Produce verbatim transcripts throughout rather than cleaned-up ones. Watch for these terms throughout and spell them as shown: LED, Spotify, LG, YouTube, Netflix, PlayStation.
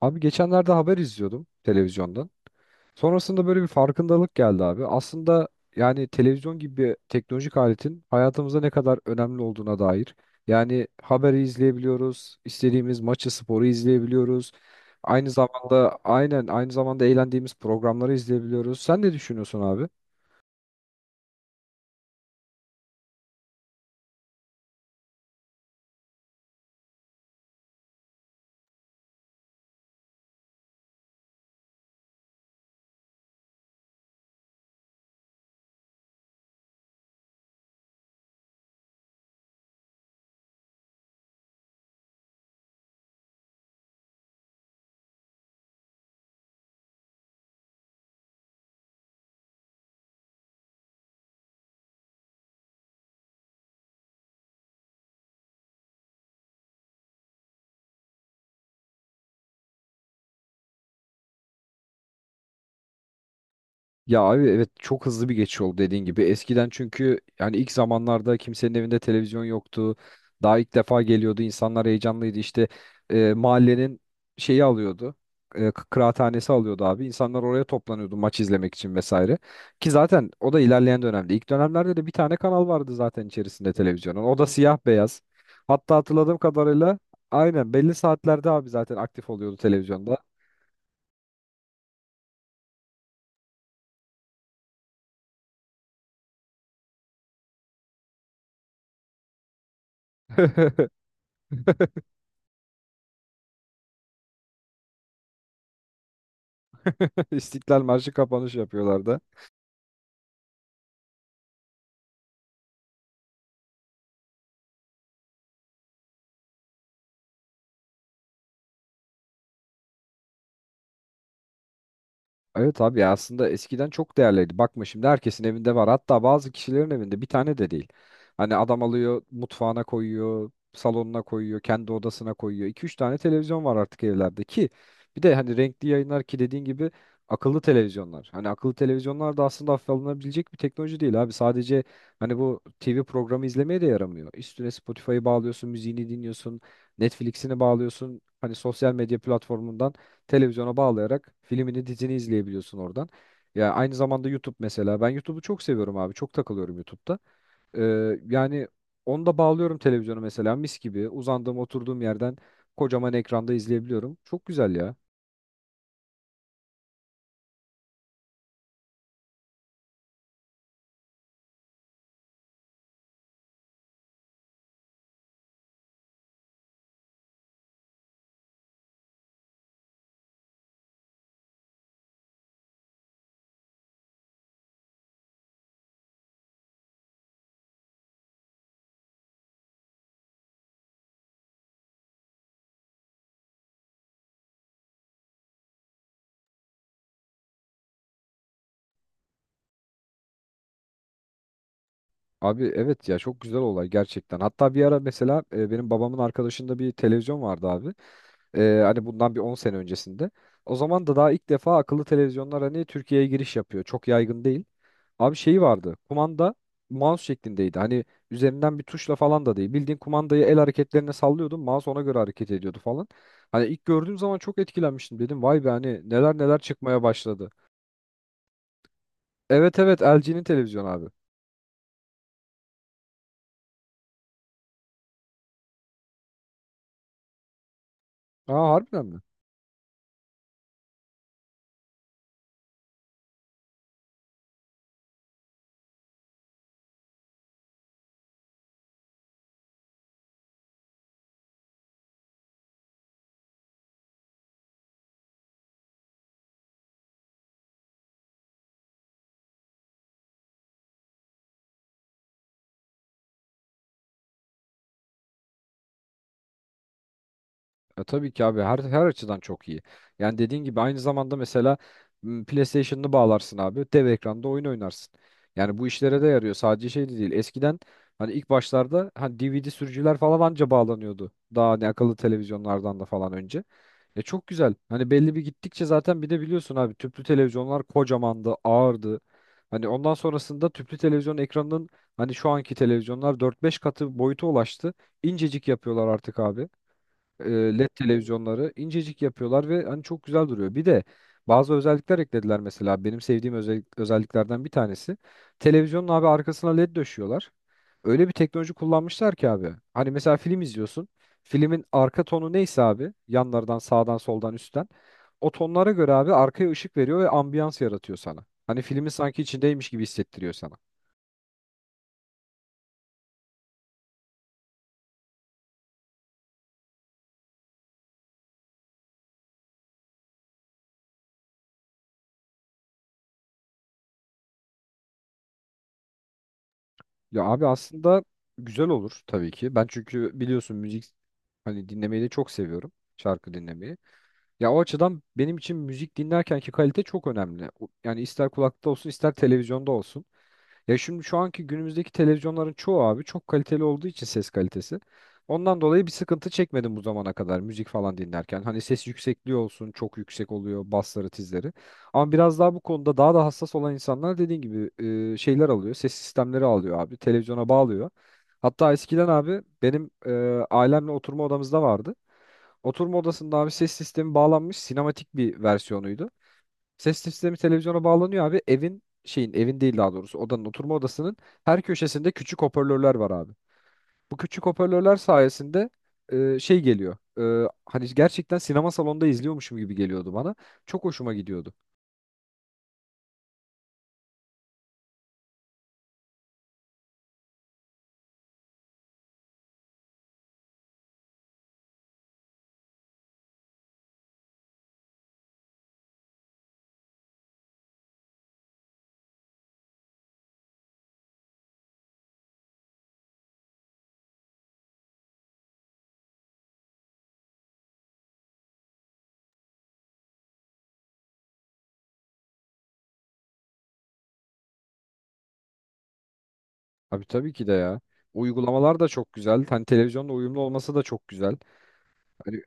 Abi geçenlerde haber izliyordum televizyondan. Sonrasında böyle bir farkındalık geldi abi. Aslında yani televizyon gibi bir teknolojik aletin hayatımıza ne kadar önemli olduğuna dair. Yani haberi izleyebiliyoruz, istediğimiz maçı, sporu izleyebiliyoruz. Aynı zamanda aynen aynı zamanda eğlendiğimiz programları izleyebiliyoruz. Sen ne düşünüyorsun abi? Ya abi evet çok hızlı bir geçiş oldu dediğin gibi. Eskiden çünkü yani ilk zamanlarda kimsenin evinde televizyon yoktu. Daha ilk defa geliyordu. İnsanlar heyecanlıydı. İşte e, mahallenin şeyi alıyordu. E, k- kıraathanesi alıyordu abi. İnsanlar oraya toplanıyordu maç izlemek için vesaire. Ki zaten o da ilerleyen dönemde. İlk dönemlerde de bir tane kanal vardı zaten içerisinde televizyonun. O da siyah beyaz. Hatta hatırladığım kadarıyla aynen belli saatlerde abi zaten aktif oluyordu televizyonda. İstiklal Marşı kapanış yapıyorlardı. Evet abi ya aslında eskiden çok değerliydi. Bakma şimdi herkesin evinde var. Hatta bazı kişilerin evinde bir tane de değil. Hani adam alıyor mutfağına koyuyor, salonuna koyuyor, kendi odasına koyuyor. iki üç tane televizyon var artık evlerde ki bir de hani renkli yayınlar ki dediğin gibi akıllı televizyonlar. Hani akıllı televizyonlar da aslında hafife alınabilecek bir teknoloji değil abi. Sadece hani bu T V programı izlemeye de yaramıyor. Üstüne Spotify'ı bağlıyorsun, müziğini dinliyorsun, Netflix'ini bağlıyorsun. Hani sosyal medya platformundan televizyona bağlayarak filmini, dizini izleyebiliyorsun oradan. Ya aynı zamanda YouTube mesela. Ben YouTube'u çok seviyorum abi. Çok takılıyorum YouTube'da. Ee, yani onu da bağlıyorum televizyona mesela mis gibi. Uzandığım, oturduğum yerden kocaman ekranda izleyebiliyorum. Çok güzel ya. Abi evet ya çok güzel olay gerçekten. Hatta bir ara mesela e, benim babamın arkadaşında bir televizyon vardı abi. Ee, hani bundan bir on sene öncesinde. O zaman da daha ilk defa akıllı televizyonlar hani Türkiye'ye giriş yapıyor. Çok yaygın değil. Abi şeyi vardı. Kumanda mouse şeklindeydi. Hani üzerinden bir tuşla falan da değil. Bildiğin kumandayı el hareketlerine sallıyordun. Mouse ona göre hareket ediyordu falan. Hani ilk gördüğüm zaman çok etkilenmiştim. Dedim vay be hani neler neler çıkmaya başladı. Evet evet L G'nin televizyonu abi. Aa harbiden mi? E, tabii ki abi her her açıdan çok iyi. Yani dediğin gibi aynı zamanda mesela m, PlayStation'ını bağlarsın abi. Dev ekranda oyun oynarsın. Yani bu işlere de yarıyor. Sadece şey de değil. Eskiden hani ilk başlarda hani D V D sürücüler falan anca bağlanıyordu. Daha hani akıllı televizyonlardan da falan önce. E çok güzel. Hani belli bir gittikçe zaten bir de biliyorsun abi tüplü televizyonlar kocamandı, ağırdı. Hani ondan sonrasında tüplü televizyon ekranının hani şu anki televizyonlar dört beş katı boyuta ulaştı. İncecik yapıyorlar artık abi e, L E D televizyonları incecik yapıyorlar ve hani çok güzel duruyor. Bir de bazı özellikler eklediler mesela. Benim sevdiğim özel- özelliklerden bir tanesi. Televizyonun abi arkasına L E D döşüyorlar. Öyle bir teknoloji kullanmışlar ki abi. Hani mesela film izliyorsun. Filmin arka tonu neyse abi yanlardan sağdan soldan üstten o tonlara göre abi arkaya ışık veriyor ve ambiyans yaratıyor sana. Hani filmin sanki içindeymiş gibi hissettiriyor sana. Ya abi aslında güzel olur tabii ki. Ben çünkü biliyorsun müzik hani dinlemeyi de çok seviyorum. Şarkı dinlemeyi. Ya o açıdan benim için müzik dinlerkenki kalite çok önemli. O- yani ister kulakta olsun ister televizyonda olsun. Ya şimdi şu anki günümüzdeki televizyonların çoğu abi çok kaliteli olduğu için ses kalitesi. Ondan dolayı bir sıkıntı çekmedim bu zamana kadar müzik falan dinlerken. Hani ses yüksekliği olsun çok yüksek oluyor basları tizleri. Ama biraz daha bu konuda daha da hassas olan insanlar dediğin gibi e, şeyler alıyor. Ses sistemleri alıyor abi. Televizyona bağlıyor. Hatta eskiden abi benim e, ailemle oturma odamızda vardı. Oturma odasında abi ses sistemi bağlanmış sinematik bir versiyonuydu. Ses sistemi televizyona bağlanıyor abi. Evin şeyin evin değil daha doğrusu odanın oturma odasının her köşesinde küçük hoparlörler var abi. Bu küçük hoparlörler sayesinde e, şey geliyor. E, hani gerçekten sinema salonunda izliyormuşum gibi geliyordu bana. Çok hoşuma gidiyordu. Abi tabii ki de ya. Uygulamalar da çok güzel. Hani televizyonla uyumlu olması da çok güzel. Hani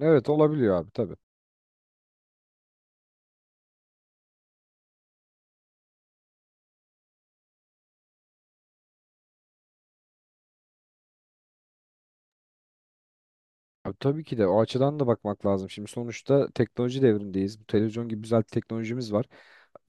evet olabiliyor abi tabii. Abi tabii ki de o açıdan da bakmak lazım. Şimdi sonuçta teknoloji devrindeyiz. Bu televizyon gibi güzel teknolojimiz var.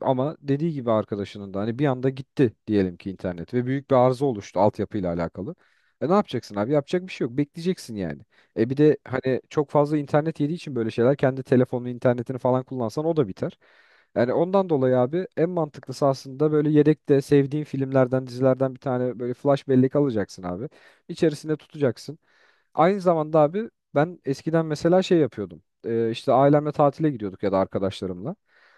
Ama dediği gibi arkadaşının da hani bir anda gitti diyelim ki internet ve büyük bir arıza oluştu altyapıyla alakalı. E ne yapacaksın abi? Yapacak bir şey yok. Bekleyeceksin yani. E bir de hani çok fazla internet yediği için böyle şeyler kendi telefonunu, internetini falan kullansan o da biter. Yani ondan dolayı abi en mantıklısı aslında böyle yedekte sevdiğin filmlerden, dizilerden bir tane böyle flash bellek alacaksın abi. İçerisinde tutacaksın. Aynı zamanda abi ben eskiden mesela şey yapıyordum. Ee, işte ailemle tatile gidiyorduk ya da arkadaşlarımla.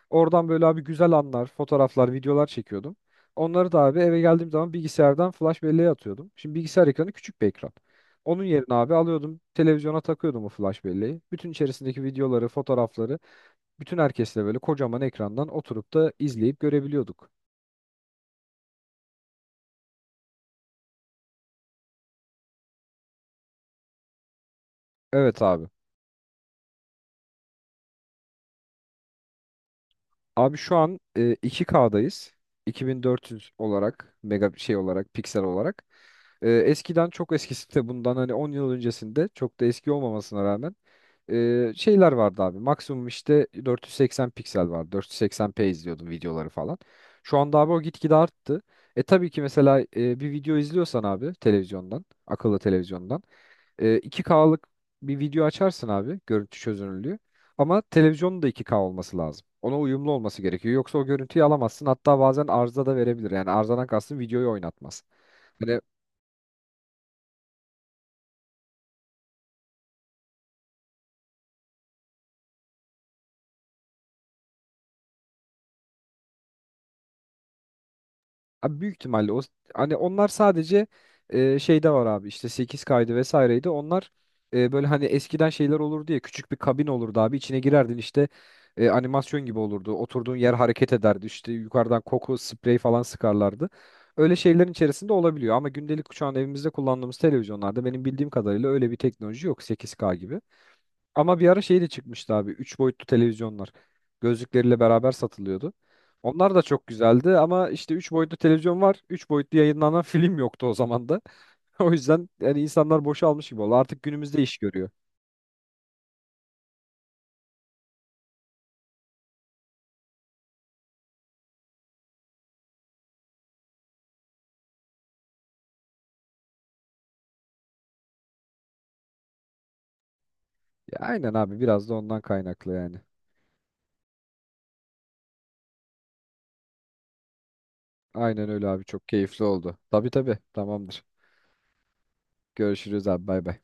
Oradan böyle abi güzel anlar, fotoğraflar, videolar çekiyordum. Onları da abi eve geldiğim zaman bilgisayardan flash belleğe atıyordum. Şimdi bilgisayar ekranı küçük bir ekran. Onun yerine abi alıyordum, televizyona takıyordum o flash belleği. Bütün içerisindeki videoları, fotoğrafları bütün herkesle böyle kocaman ekrandan oturup da izleyip görebiliyorduk. Evet abi. Abi şu an e, iki ka'dayız. iki bin dört yüz olarak, mega şey olarak, piksel olarak. E, eskiden çok eskisi de bundan hani on yıl öncesinde çok da eski olmamasına rağmen e, şeyler vardı abi. Maksimum işte dört yüz seksen piksel vardı. dört yüz seksen pe izliyordum videoları falan. Şu anda abi o gitgide arttı. E tabii ki mesela e, bir video izliyorsan abi televizyondan, akıllı televizyondan e, iki ka'lık bir video açarsın abi görüntü çözünürlüğü. Ama televizyonun da iki k olması lazım. Ona uyumlu olması gerekiyor. Yoksa o görüntüyü alamazsın. Hatta bazen arıza da verebilir. Yani arızadan kastım videoyu oynatmaz. Hani abi büyük ihtimalle o hani onlar sadece e, şeyde var abi işte sekiz kaydı vesaireydi. Onlar e, böyle hani eskiden şeyler olurdu ya küçük bir kabin olurdu abi içine girerdin işte e, animasyon gibi olurdu. Oturduğun yer hareket ederdi işte yukarıdan koku sprey falan sıkarlardı. Öyle şeylerin içerisinde olabiliyor ama gündelik şu an evimizde kullandığımız televizyonlarda benim bildiğim kadarıyla öyle bir teknoloji yok sekiz k gibi. Ama bir ara şey de çıkmıştı abi. Üç boyutlu televizyonlar. Gözlükleriyle beraber satılıyordu. Onlar da çok güzeldi ama işte üç boyutlu televizyon var. Üç boyutlu yayınlanan film yoktu o zaman da. O yüzden yani insanlar boşa almış gibi oldu. Artık günümüzde iş görüyor. Ya aynen abi biraz da ondan kaynaklı yani. Aynen öyle abi çok keyifli oldu. Tabii tabii tamamdır. Görüşürüz abi bay bay.